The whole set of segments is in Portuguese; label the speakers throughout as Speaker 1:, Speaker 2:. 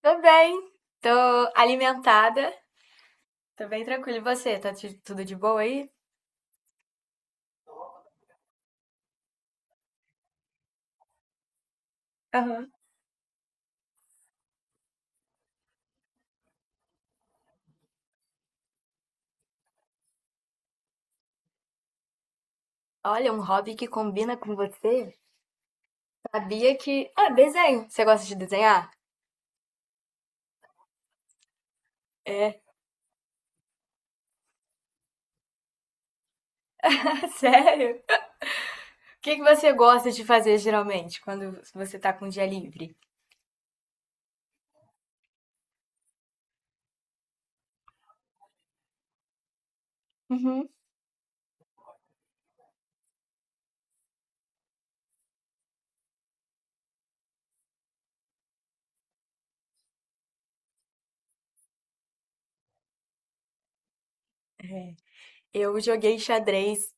Speaker 1: Tô bem, tô alimentada, tô bem tranquila. E você, tá tudo de boa aí? Aham. Olha, um hobby que combina com você. Sabia que. Ah, desenho. Você gosta de desenhar? É. Sério? O que que você gosta de fazer geralmente quando você tá com dia livre? Uhum. É. Eu joguei xadrez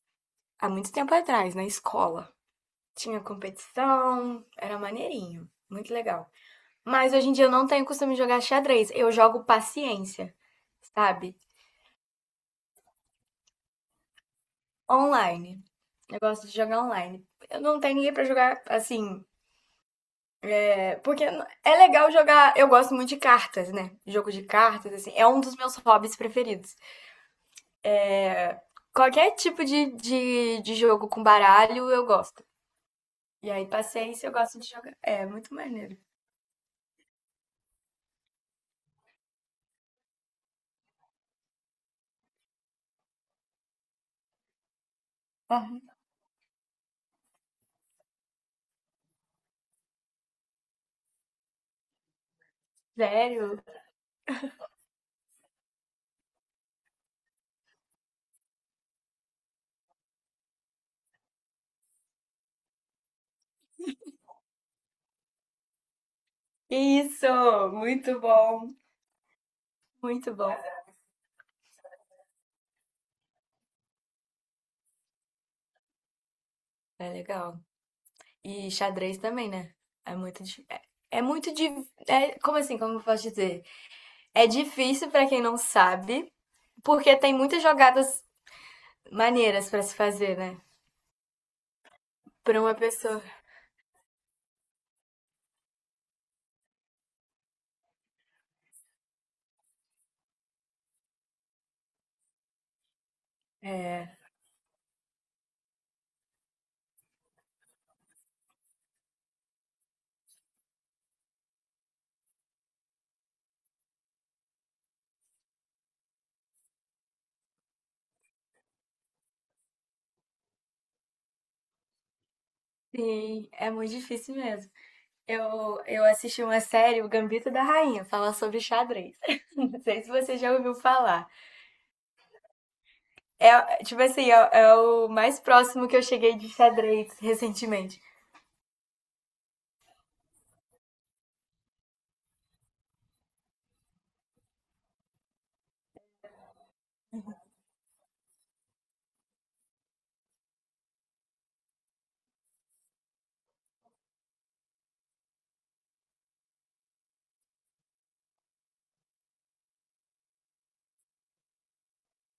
Speaker 1: há muito tempo atrás, na escola. Tinha competição, era maneirinho, muito legal. Mas hoje em dia eu não tenho costume de jogar xadrez, eu jogo paciência, sabe? Online. Eu gosto de jogar online. Eu não tenho ninguém pra jogar assim. É, porque é legal jogar. Eu gosto muito de cartas, né? Jogo de cartas, assim. É um dos meus hobbies preferidos. Qualquer tipo de jogo com baralho eu gosto. E aí, paciência, eu gosto de jogar. É muito maneiro. Uhum. Sério? Isso! Muito bom! Muito bom. É legal. E xadrez também, né? É muito. di- É, é muito. di- É, como assim? Como eu posso dizer? É difícil pra quem não sabe, porque tem muitas jogadas maneiras pra se fazer, né? Pra uma pessoa. É. Sim, é muito difícil mesmo. Eu assisti uma série, O Gambito da Rainha, fala sobre xadrez. Não sei se você já ouviu falar. É, tipo assim, é o mais próximo que eu cheguei de xadrez recentemente.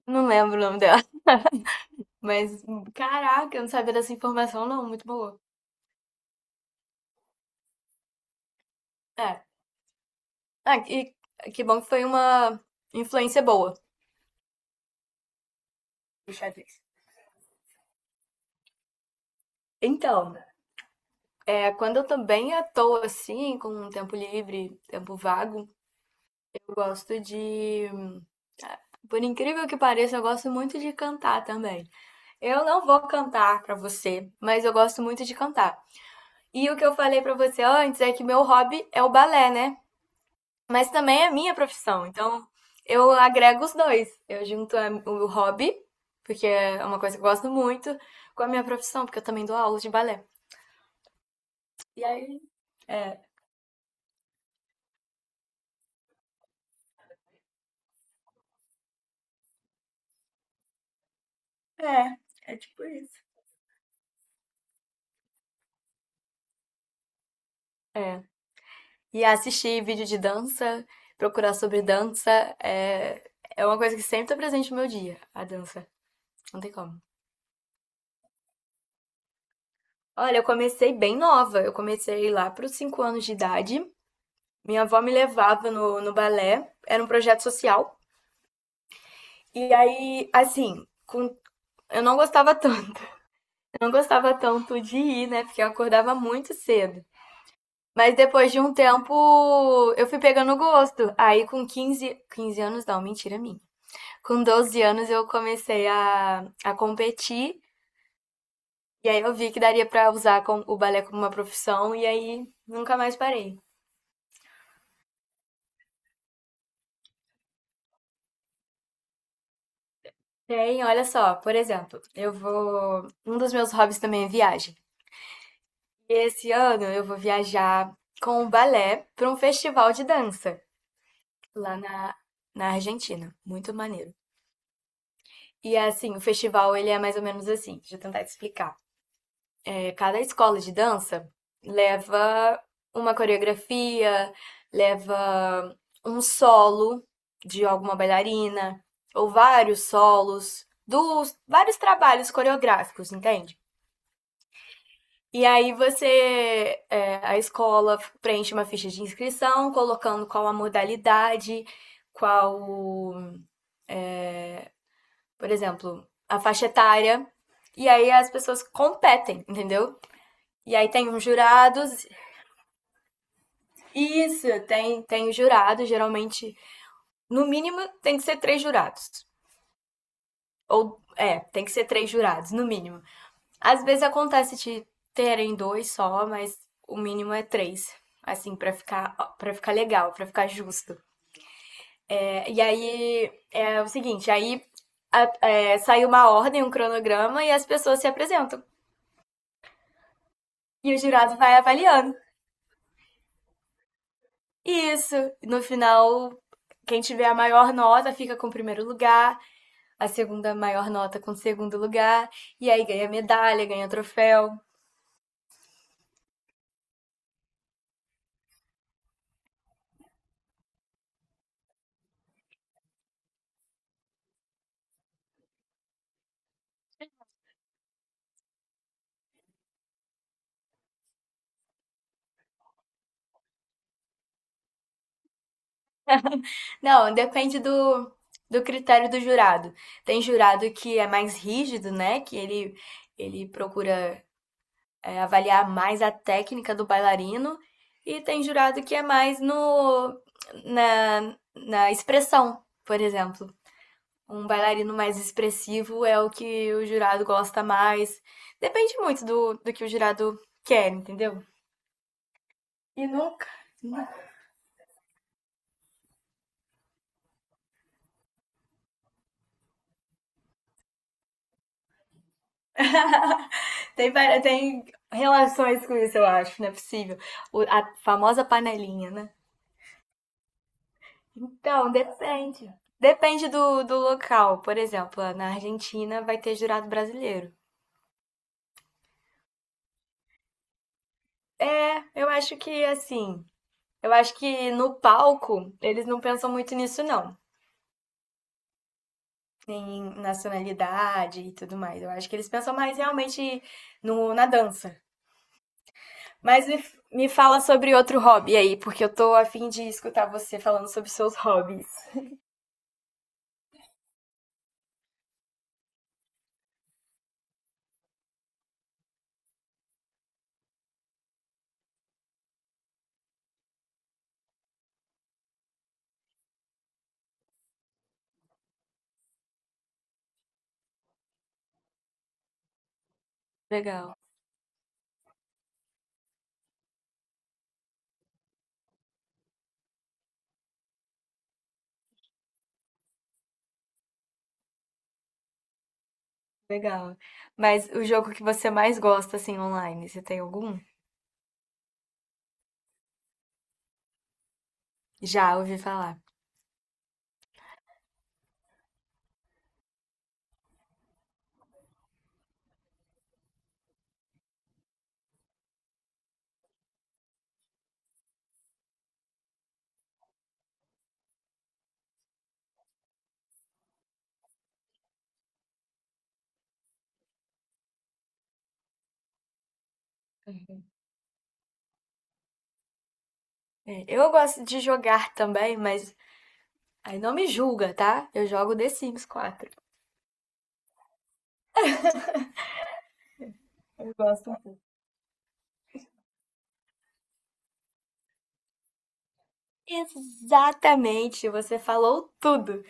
Speaker 1: Não lembro o nome dela, mas caraca, eu não sabia dessa informação, não. Muito boa. É. Ah, e que bom que foi uma influência boa do xadrez. Então, é, quando eu tô bem à toa, assim, com um tempo livre, tempo vago, eu gosto de. Por incrível que pareça, eu gosto muito de cantar também. Eu não vou cantar pra você, mas eu gosto muito de cantar. E o que eu falei pra você antes é que meu hobby é o balé, né? Mas também é minha profissão. Então, eu agrego os dois. Eu junto o hobby, porque é uma coisa que eu gosto muito, com a minha profissão, porque eu também dou aulas de balé. E aí. É. É, é tipo isso. É. E assistir vídeo de dança, procurar sobre dança, é, é uma coisa que sempre tá presente no meu dia, a dança. Não tem como. Olha, eu comecei bem nova. Eu comecei lá para os 5 anos de idade. Minha avó me levava no balé. Era um projeto social. E aí, assim, com... eu não gostava tanto. Eu não gostava tanto de ir, né? Porque eu acordava muito cedo. Mas depois de um tempo, eu fui pegando gosto. Aí com quinze anos, não, mentira minha. Com 12 anos eu comecei a competir e aí eu vi que daria pra usar o balé como uma profissão e aí nunca mais parei. Tem, olha só, por exemplo, eu vou. Um dos meus hobbies também é viagem. E esse ano eu vou viajar com o balé para um festival de dança lá na Argentina. Muito maneiro. E assim, o festival ele é mais ou menos assim, deixa eu tentar te explicar. É, cada escola de dança leva uma coreografia, leva um solo de alguma bailarina, ou vários solos, dos vários trabalhos coreográficos, entende? E aí você, é, a escola preenche uma ficha de inscrição, colocando qual a modalidade, qual, por exemplo, a faixa etária, e aí as pessoas competem, entendeu? E aí tem uns jurados. Isso, tem jurado, geralmente, no mínimo, tem que ser três jurados. Ou, é, tem que ser três jurados, no mínimo. Às vezes acontece de terem dois só, mas o mínimo é três. Assim, pra ficar legal, pra ficar justo. É, e aí, é o seguinte, aí é, sai uma ordem, um cronograma, e as pessoas se apresentam. E o jurado vai avaliando. Isso, no final, quem tiver a maior nota fica com o primeiro lugar, a segunda maior nota com o segundo lugar, e aí ganha medalha, ganha troféu. Não, depende do, critério do jurado. Tem jurado que é mais rígido, né? Que ele procura é, avaliar mais a técnica do bailarino, e tem jurado que é mais no na expressão, por exemplo. Um bailarino mais expressivo é o que o jurado gosta mais. Depende muito do que o jurado quer, entendeu? E nunca, tem, tem relações com isso, eu acho, não é possível. A famosa panelinha, né? Então, depende. Depende do local. Por exemplo, na Argentina vai ter jurado brasileiro. É, eu acho que assim. Eu acho que no palco eles não pensam muito nisso, não. Em nacionalidade e tudo mais. Eu acho que eles pensam mais realmente no, na dança. Mas me, fala sobre outro hobby aí, porque eu tô a fim de escutar você falando sobre seus hobbies. Legal. Legal. Mas o jogo que você mais gosta, assim, online, você tem algum? Já ouvi falar. É, eu gosto de jogar também, mas aí não me julga, tá? Eu jogo The Sims 4. Eu gosto. Exatamente, você falou tudo.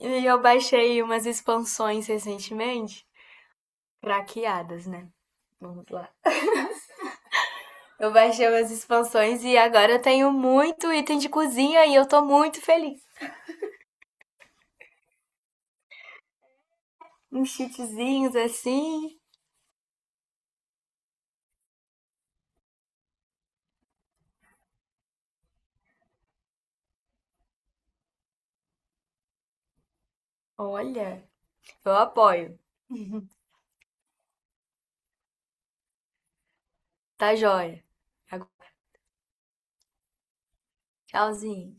Speaker 1: E eu baixei umas expansões recentemente, craqueadas, né? Vamos lá. Eu baixei umas expansões e agora eu tenho muito item de cozinha e eu tô muito feliz. Uns cheatzinhos assim. Olha, eu apoio. Tá joia. Agora, tchauzinho.